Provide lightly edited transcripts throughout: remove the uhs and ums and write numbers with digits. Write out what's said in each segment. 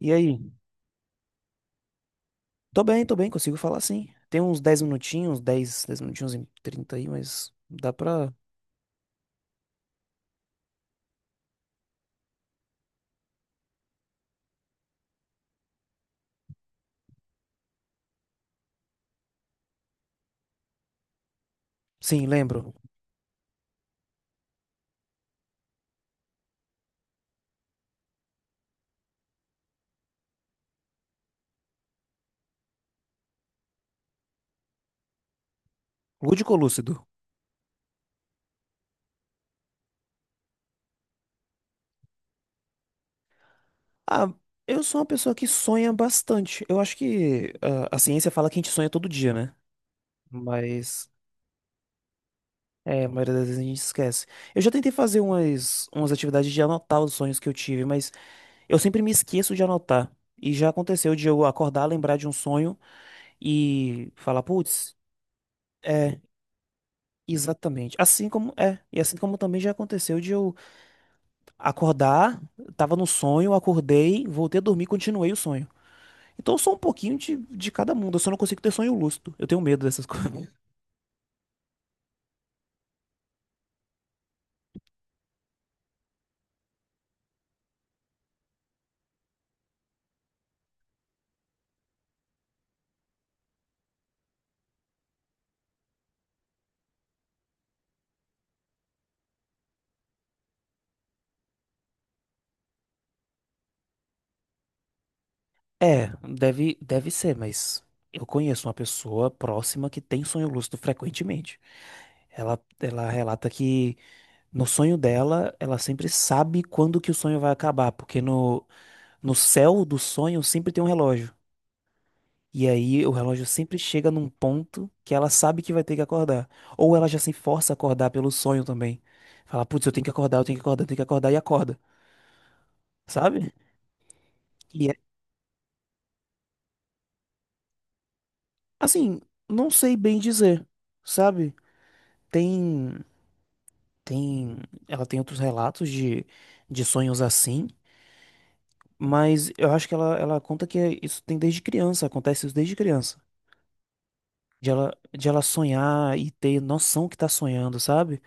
E aí? Tô bem, consigo falar, sim. Tem uns dez minutinhos e 30 aí, mas dá pra. Sim, lembro. Lúdico ou lúcido? Ah, eu sou uma pessoa que sonha bastante. Eu acho que a ciência fala que a gente sonha todo dia, né? Mas é, a maioria das vezes a gente esquece. Eu já tentei fazer umas atividades de anotar os sonhos que eu tive, mas eu sempre me esqueço de anotar. E já aconteceu de eu acordar, lembrar de um sonho e falar, putz. É, exatamente. Assim como é, e assim como também já aconteceu de eu acordar, tava no sonho, acordei, voltei a dormir, continuei o sonho. Então eu sou um pouquinho de cada mundo, eu só não consigo ter sonho lúcido. Eu tenho medo dessas coisas. É, deve ser, mas eu conheço uma pessoa próxima que tem sonho lúcido frequentemente. Ela relata que no sonho dela, ela sempre sabe quando que o sonho vai acabar, porque no céu do sonho sempre tem um relógio. E aí o relógio sempre chega num ponto que ela sabe que vai ter que acordar. Ou ela já se força a acordar pelo sonho também. Fala, putz, eu tenho que acordar, eu tenho que acordar, eu tenho que acordar e acorda, sabe? E é, assim, não sei bem dizer, sabe? Tem, tem, ela tem outros relatos de sonhos assim, mas eu acho que ela conta que isso tem desde criança, acontece isso desde criança. De ela, de ela sonhar e ter noção que tá sonhando, sabe?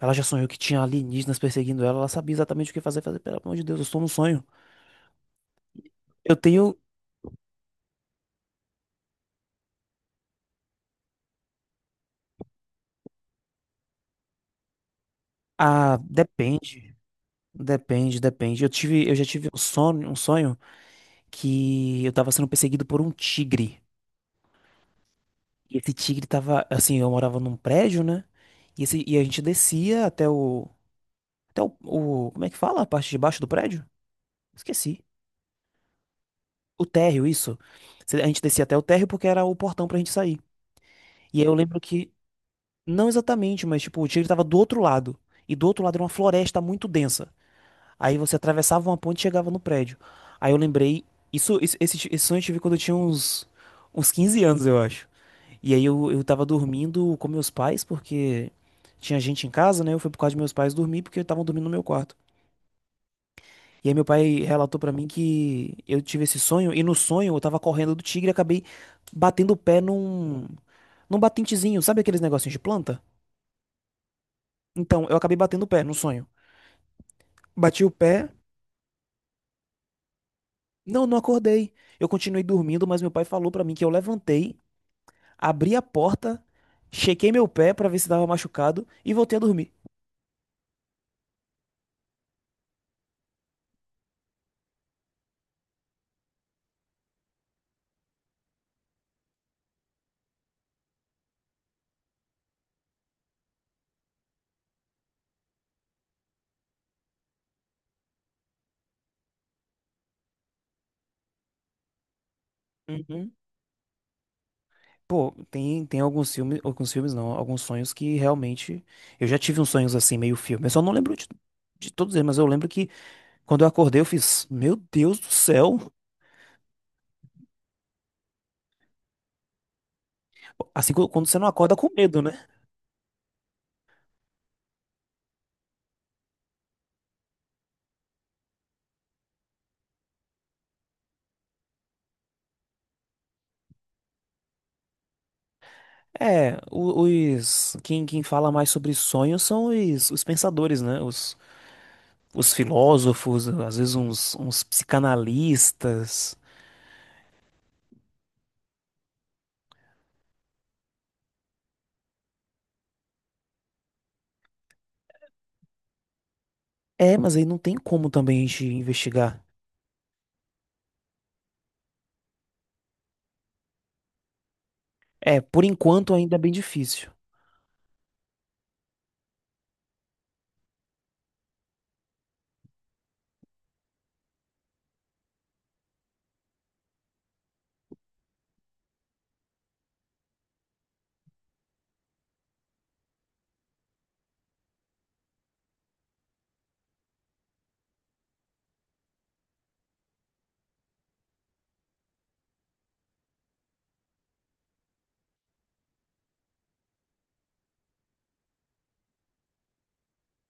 Ela já sonhou que tinha alienígenas perseguindo ela, ela sabia exatamente o que fazer, fazer, pelo amor de Deus, eu estou no sonho. Eu tenho Ah, depende. Eu já tive um sonho que eu tava sendo perseguido por um tigre. E esse tigre tava, assim, eu morava num prédio, né? E a gente descia até o como é que fala? A parte de baixo do prédio? Esqueci. O térreo, isso. A gente descia até o térreo porque era o portão pra gente sair. E aí eu lembro que Não exatamente, mas tipo, o tigre tava do outro lado. E do outro lado era uma floresta muito densa. Aí você atravessava uma ponte e chegava no prédio. Aí eu lembrei. Isso, esse sonho eu tive quando eu tinha uns 15 anos, eu acho. E aí eu tava dormindo com meus pais, porque tinha gente em casa, né? Eu fui por causa de meus pais dormir, porque estavam dormindo no meu quarto. E aí meu pai relatou pra mim que eu tive esse sonho, e no sonho eu tava correndo do tigre e acabei batendo o pé num batentezinho, sabe aqueles negocinhos de planta? Então, eu acabei batendo o pé no sonho. Bati o pé. Não, não acordei. Eu continuei dormindo, mas meu pai falou pra mim que eu levantei, abri a porta, chequei meu pé pra ver se tava machucado e voltei a dormir. Uhum. Pô, tem alguns filmes não, alguns sonhos que realmente. Eu já tive uns sonhos assim, meio filme. Eu só não lembro de todos eles, mas eu lembro que quando eu acordei eu fiz, meu Deus do céu. Assim, quando você não acorda com medo, né? É, quem fala mais sobre sonhos são os pensadores, né? Os filósofos, às vezes uns psicanalistas. É, mas aí não tem como também a gente investigar. É, por enquanto ainda é bem difícil.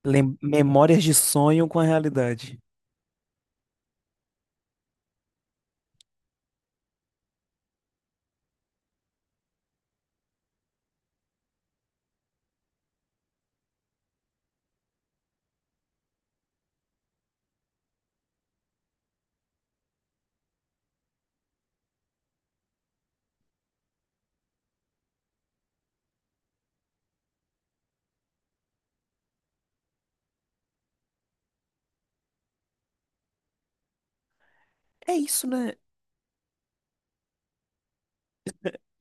Memórias de sonho com a realidade. É isso, né?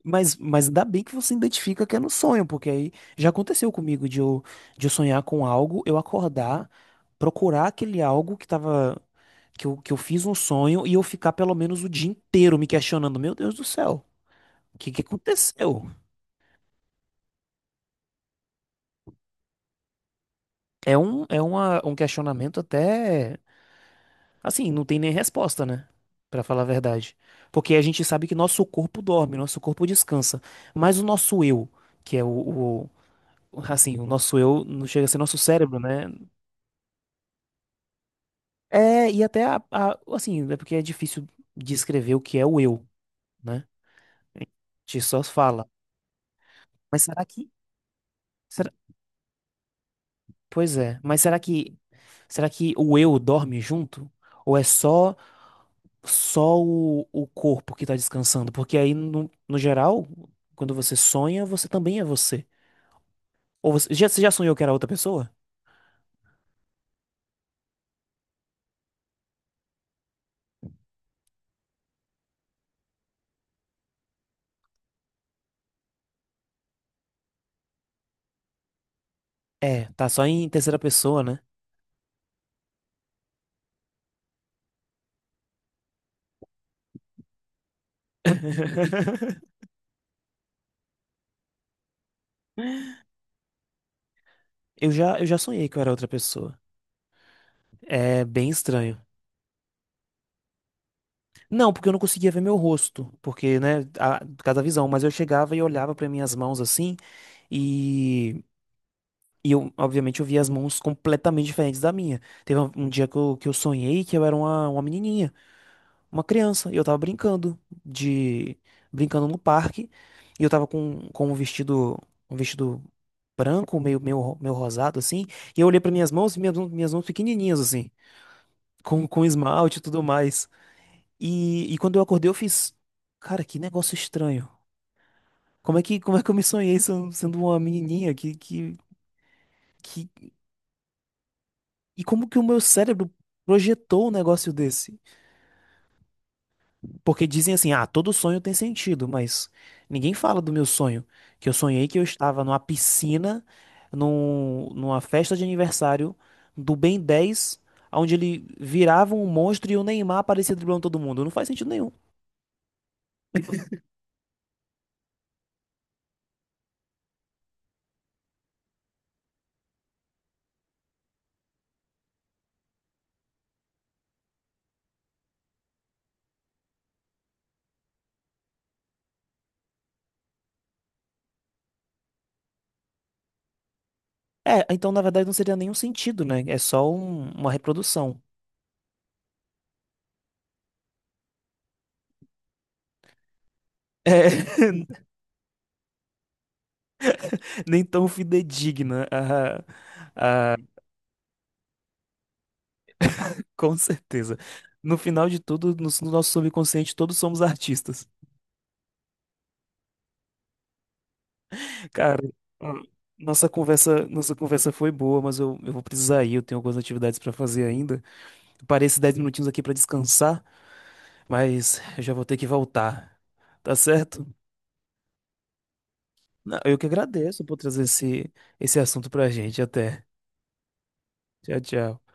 Mas ainda bem que você identifica que é no sonho, porque aí já aconteceu comigo de eu sonhar com algo, eu acordar, procurar aquele algo que tava, que eu fiz um sonho e eu ficar pelo menos o dia inteiro me questionando, meu Deus do céu, o que que aconteceu? É um questionamento até. Assim, não tem nem resposta, né? Pra falar a verdade. Porque a gente sabe que nosso corpo dorme, nosso corpo descansa. Mas o nosso eu, que é assim, o nosso eu não chega a ser nosso cérebro, né? É, e até assim, é porque é difícil descrever o que é o eu, né? A gente só fala. Mas será que, será- pois é, mas será que o eu dorme junto? Ou é só o corpo que tá descansando, porque aí no geral, quando você sonha, você também é você. Ou você já sonhou que era outra pessoa? É, tá só em terceira pessoa, né? Eu já sonhei que eu era outra pessoa. É bem estranho. Não, porque eu não conseguia ver meu rosto, porque, né, por causa da visão, mas eu chegava e olhava pra minhas mãos assim e E eu, obviamente, eu via as mãos completamente diferentes da minha. Teve um dia que eu sonhei que eu era uma menininha, uma criança, e eu tava de brincando no parque, e eu tava com um vestido branco, meio rosado assim, e eu olhei para minhas mãos, e minhas mãos pequenininhas assim, com esmalte e tudo mais. E quando eu acordei, eu fiz, cara, que negócio estranho. Como é que eu me sonhei sendo uma menininha? Que E como que o meu cérebro projetou um negócio desse? Porque dizem assim, ah, todo sonho tem sentido, mas ninguém fala do meu sonho. Que eu sonhei que eu estava numa piscina, numa festa de aniversário do Ben 10, onde ele virava um monstro e o Neymar aparecia driblando todo mundo. Não faz sentido nenhum. É, então na verdade não seria nenhum sentido, né? É só uma reprodução. É, nem tão fidedigna a, Com certeza. No final de tudo, no nosso subconsciente, todos somos artistas. Cara, ah, nossa conversa foi boa, mas eu vou precisar ir, eu tenho algumas atividades para fazer ainda. Parei esses 10 minutinhos aqui para descansar, mas eu já vou ter que voltar. Tá certo? Não, eu que agradeço por trazer esse assunto pra gente. Até. Tchau, tchau.